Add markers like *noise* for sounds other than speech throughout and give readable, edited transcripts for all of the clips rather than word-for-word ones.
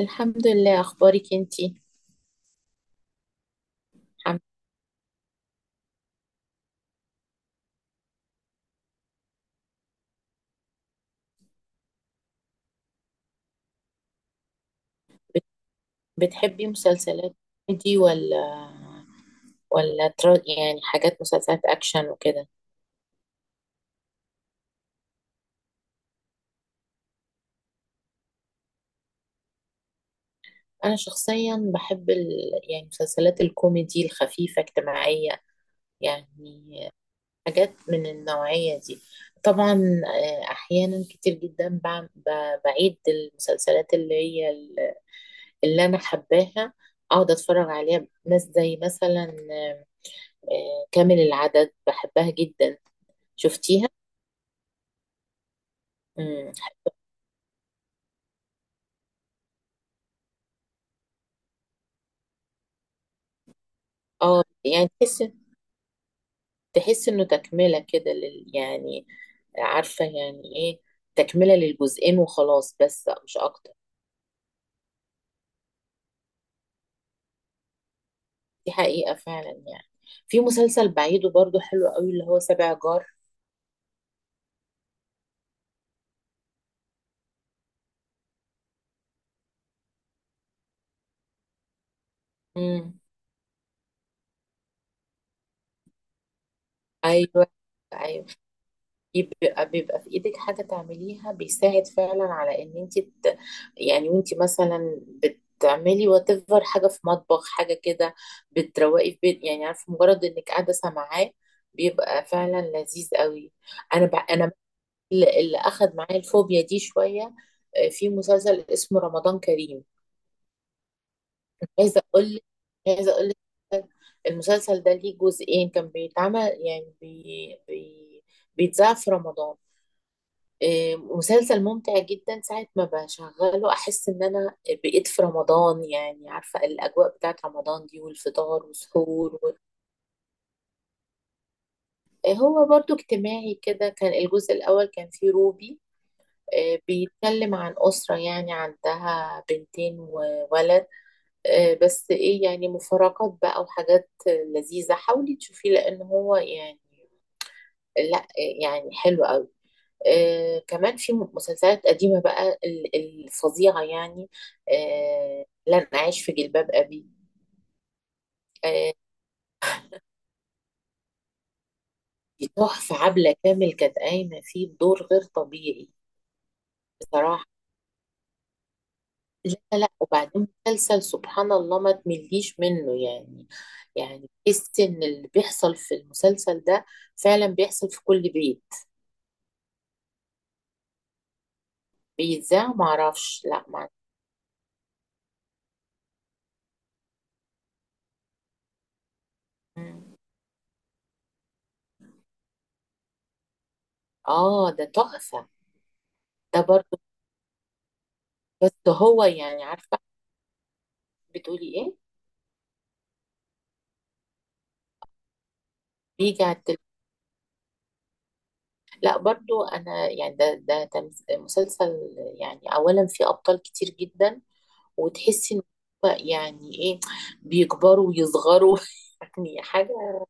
الحمد لله، اخبارك انتي؟ حم- بت- بتحبي مسلسلات كوميدي ولا يعني حاجات مسلسلات اكشن وكده. انا شخصيا بحب يعني مسلسلات الكوميدي الخفيفة اجتماعية، يعني حاجات من النوعية دي طبعا. آه، احيانا كتير جدا بعم- ب- بعيد المسلسلات اللي هي ال- اللي انا حباها اقعد اتفرج عليها ناس زي مثلا آه، كامل العدد بحبها جدا. شفتيها؟ امم، اه يعني تحس، تحس انه تكملة كده لل... يعني عارفة يعني ايه، تكملة للجزئين وخلاص، بس مش اكتر. دي حقيقة فعلا يعني. في مسلسل بعيده برضو حلو قوي، اللي هو سبع جار. امم، ايوه. ايوه، يبقى بيبقى في ايدك حاجة تعمليها، بيساعد فعلا على ان انت يعني وانت مثلا بتعملي whatever، حاجة في مطبخ، حاجة كده، بتروقي في بيت، يعني عارفة، مجرد انك قاعدة سامعاه بيبقى فعلا لذيذ قوي. انا اللي اخد معايا الفوبيا دي شوية. في مسلسل اسمه رمضان كريم. عايزة اقول لك، عايزة اقول لك، المسلسل ده ليه جزئين، كان بيتعمل يعني بيتذاع في رمضان. مسلسل ممتع جدا، ساعة ما بشغله أحس إن أنا بقيت في رمضان، يعني عارفة الأجواء بتاعت رمضان دي، والفطار والسحور و... هو برضو اجتماعي كده، كان الجزء الأول كان فيه روبي. بيتكلم عن أسرة يعني عندها بنتين وولد. بس إيه، يعني مفارقات بقى وحاجات لذيذة، حاولي تشوفيه لأن هو يعني، لا يعني حلو أوي. آه كمان في مسلسلات قديمة بقى الفظيعة يعني. آه لن أعيش في جلباب أبي. آه دي تحفة، عبلة كامل كانت قايمة فيه بدور غير طبيعي. بصراحة، لا لا، وبعدين مسلسل سبحان الله ما تمليش منه يعني. يعني تحس إن اللي بيحصل في المسلسل ده فعلا بيحصل في كل بيت. بيتذاع معرفش، لا ما. مم. اه ده تحفة. ده برضه، بس هو يعني عارفة، بتقولي ايه؟ بيجي على التلفزيون. لا برضو انا يعني، ده ده مسلسل يعني، اولا فيه ابطال كتير جدا، وتحسي ان هو يعني ايه، بيكبروا ويصغروا *laughs* يعني حاجه.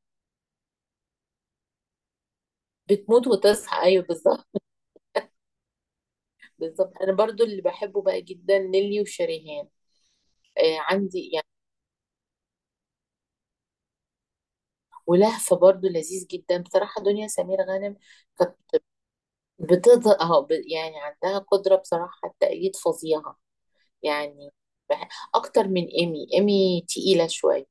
بتموت وتصحى، ايوه بالظبط. بالظبط انا برضو اللي بحبه بقى جدا نيلي وشريهان. آه عندي يعني. ولهفه برضو لذيذ جدا بصراحه. دنيا سمير غانم كانت بتقدر، اهو يعني عندها قدره بصراحه، التأييد فظيعه يعني. اكتر من ايمي، ايمي تقيله شويه.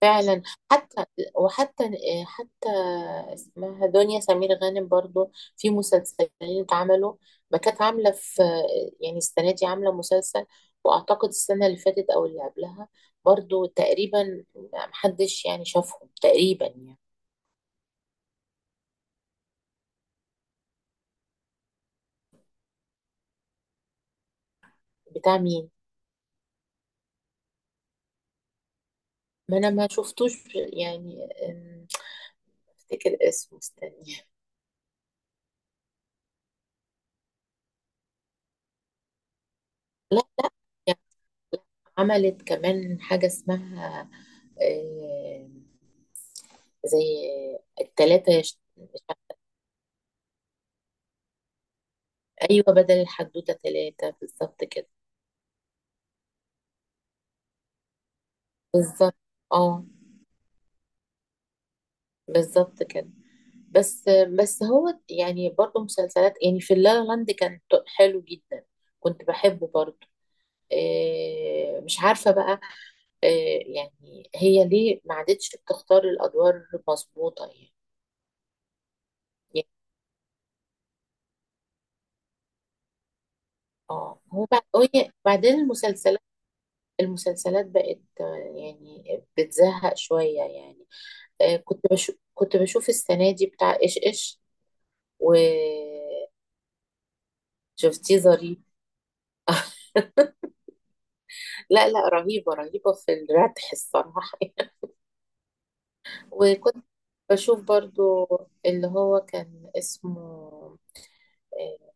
فعلا. حتى وحتى حتى اسمها دنيا سمير غانم برضو، في مسلسلين اتعملوا، ما كانت عاملة في يعني السنة دي عاملة مسلسل، وأعتقد السنة اللي فاتت أو اللي قبلها برضو تقريبا، محدش يعني شافهم تقريبا يعني. بتاع مين؟ ما أنا ما شفتوش يعني. أفتكر اسمه، استني. لا لا، عملت كمان حاجة اسمها آه، زي التلاتة أيوة، بدل الحدوتة تلاتة بالظبط كده. بالظبط. اه بالظبط كده. بس هو يعني برضه مسلسلات يعني، في اللا لا لاند كان حلو جدا، كنت بحبه برضه. مش عارفة بقى. آه، يعني هي ليه ما عادتش بتختار الأدوار مظبوطة يعني. يعني، اه هو بعدين المسلسلات، المسلسلات بقت يعني بتزهق شوية يعني. كنت بشوف، كنت بشوف السنة دي بتاع إيش إيش، وشفتيه؟ ظريف. لا لا رهيبة، رهيبة في الردح الصراحة *laughs* وكنت بشوف برضو اللي هو كان اسمه آه،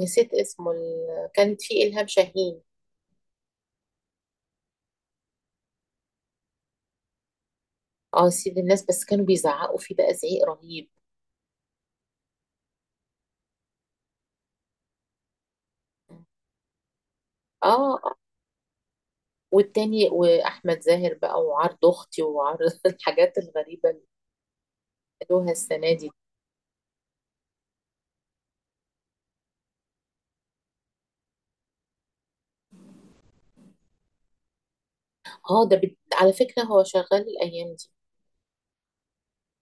نسيت اسمه، كانت فيه إلهام شاهين. اه سيد الناس، بس كانوا بيزعقوا فيه بقى زعيق رهيب. اه والتاني واحمد زاهر بقى، وعرض اختي وعرض *laughs* الحاجات الغريبه. عملوها السنة دي. اه ده على فكرة هو شغال الأيام دي،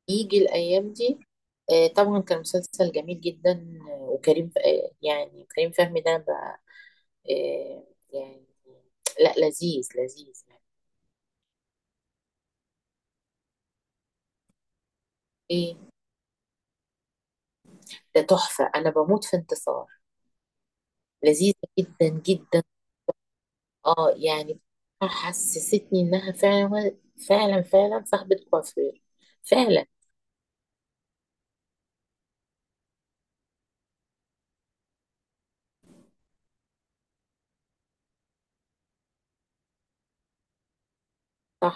يجي الأيام دي. طبعا كان مسلسل جميل جدا. وكريم آه يعني كريم فهمي ده بقى. آه يعني، لا لذيذ لذيذ يعني. ايه؟ ده تحفة، أنا بموت في انتصار، لذيذة جدا جدا. اه يعني، حسستني إنها فعلا، فعلا فعلا صاحبة كوافير. فعلا. صح.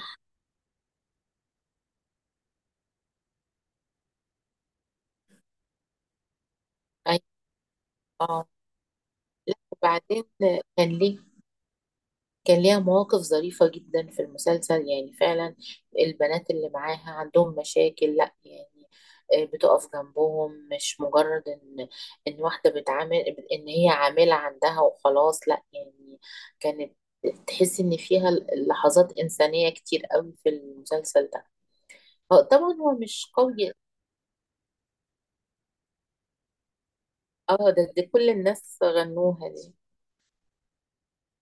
أيوة، اه، لا وبعدين كان ليه، كان ليها مواقف ظريفة جدا في المسلسل، يعني فعلا البنات اللي معاها عندهم مشاكل، لا يعني بتقف جنبهم، مش مجرد ان، ان واحدة بتعامل، ان هي عاملة عندها وخلاص، لا يعني كانت، تحس ان فيها لحظات انسانية كتير قوي في المسلسل ده. طبعا هو مش قوي. اه ده, ده كل الناس غنوها دي.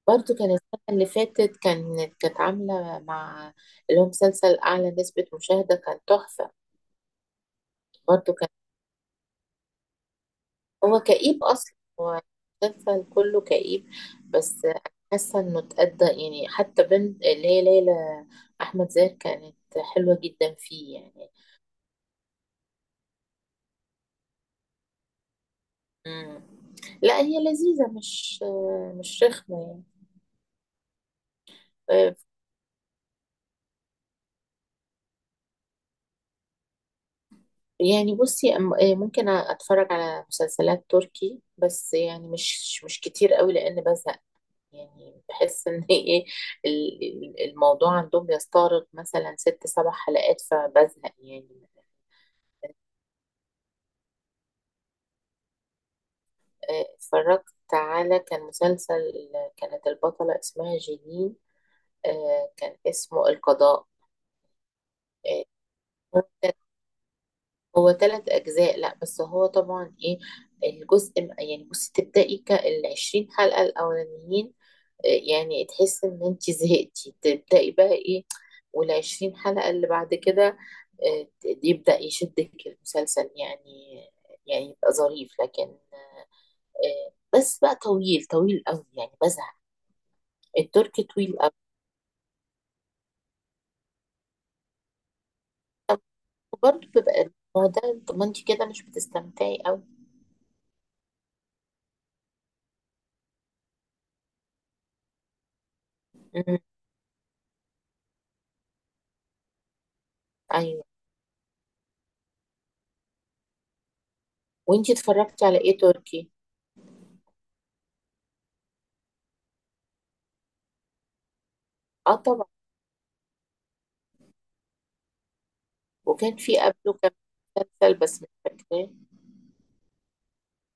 برضو كان السنة اللي فاتت، كانت عاملة مع اللي هو مسلسل أعلى نسبة مشاهدة، كان تحفة. برضه كان، هو كئيب أصلا، هو المسلسل كله كئيب. بس أنا حاسة إنه اتأدى يعني. حتى بنت اللي هي ليلى، أحمد زاهر كانت حلوة جدا فيه يعني. مم. لا هي لذيذة، مش رخمة. يعني. يعني بصي ممكن أتفرج على مسلسلات تركي، بس يعني مش كتير قوي لأن بزهق. يعني بحس إن *laughs* إيه الموضوع عندهم بيستغرق مثلا 6 7 حلقات، فبزهق يعني. اتفرجت على كان مسلسل، كانت البطلة اسمها جيلين. كان اسمه القضاء. آه، هو، هو 3 أجزاء، لا بس هو طبعا إيه، الجزء، يعني بصي تبدأي 20 حلقة الأولانيين، يعني تحس إن أنت زهقتي، تبدأي بقى إيه، و20 حلقة اللي بعد كده آه، يبدأ يشدك المسلسل يعني، يعني يبقى ظريف لكن بس بقى طويل طويل قوي يعني بزهق. التركي طويل قوي، برضه بيبقى، هو ده. طب ما انت كده مش بتستمتعي قوي. امم، ايوه. وانت اتفرجتي على ايه تركي؟ اه طبعا، وكان في قبله كان مسلسل بس مش فاكراه،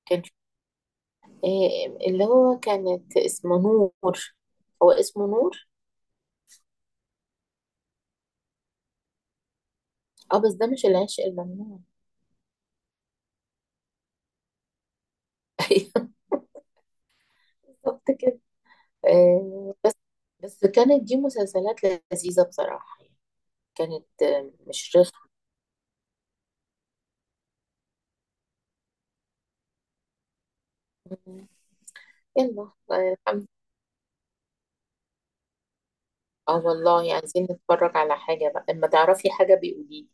كان في إيه، اللي هو كانت اسمه نور، هو اسمه نور. اه بس ده مش العشق الممنوع. *laughs* ايوه بالظبط كده. بس، بس كانت دي مسلسلات لذيذة بصراحة، كانت مش رخمة. يلا الحمد. اه والله، عايزين نتفرج على حاجة بقى، لما تعرفي حاجة بيقوليلي.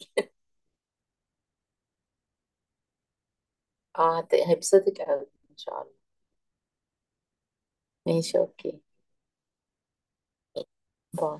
اه هيبسطك اوي ان شاء الله. ماشي، اوكي. باي.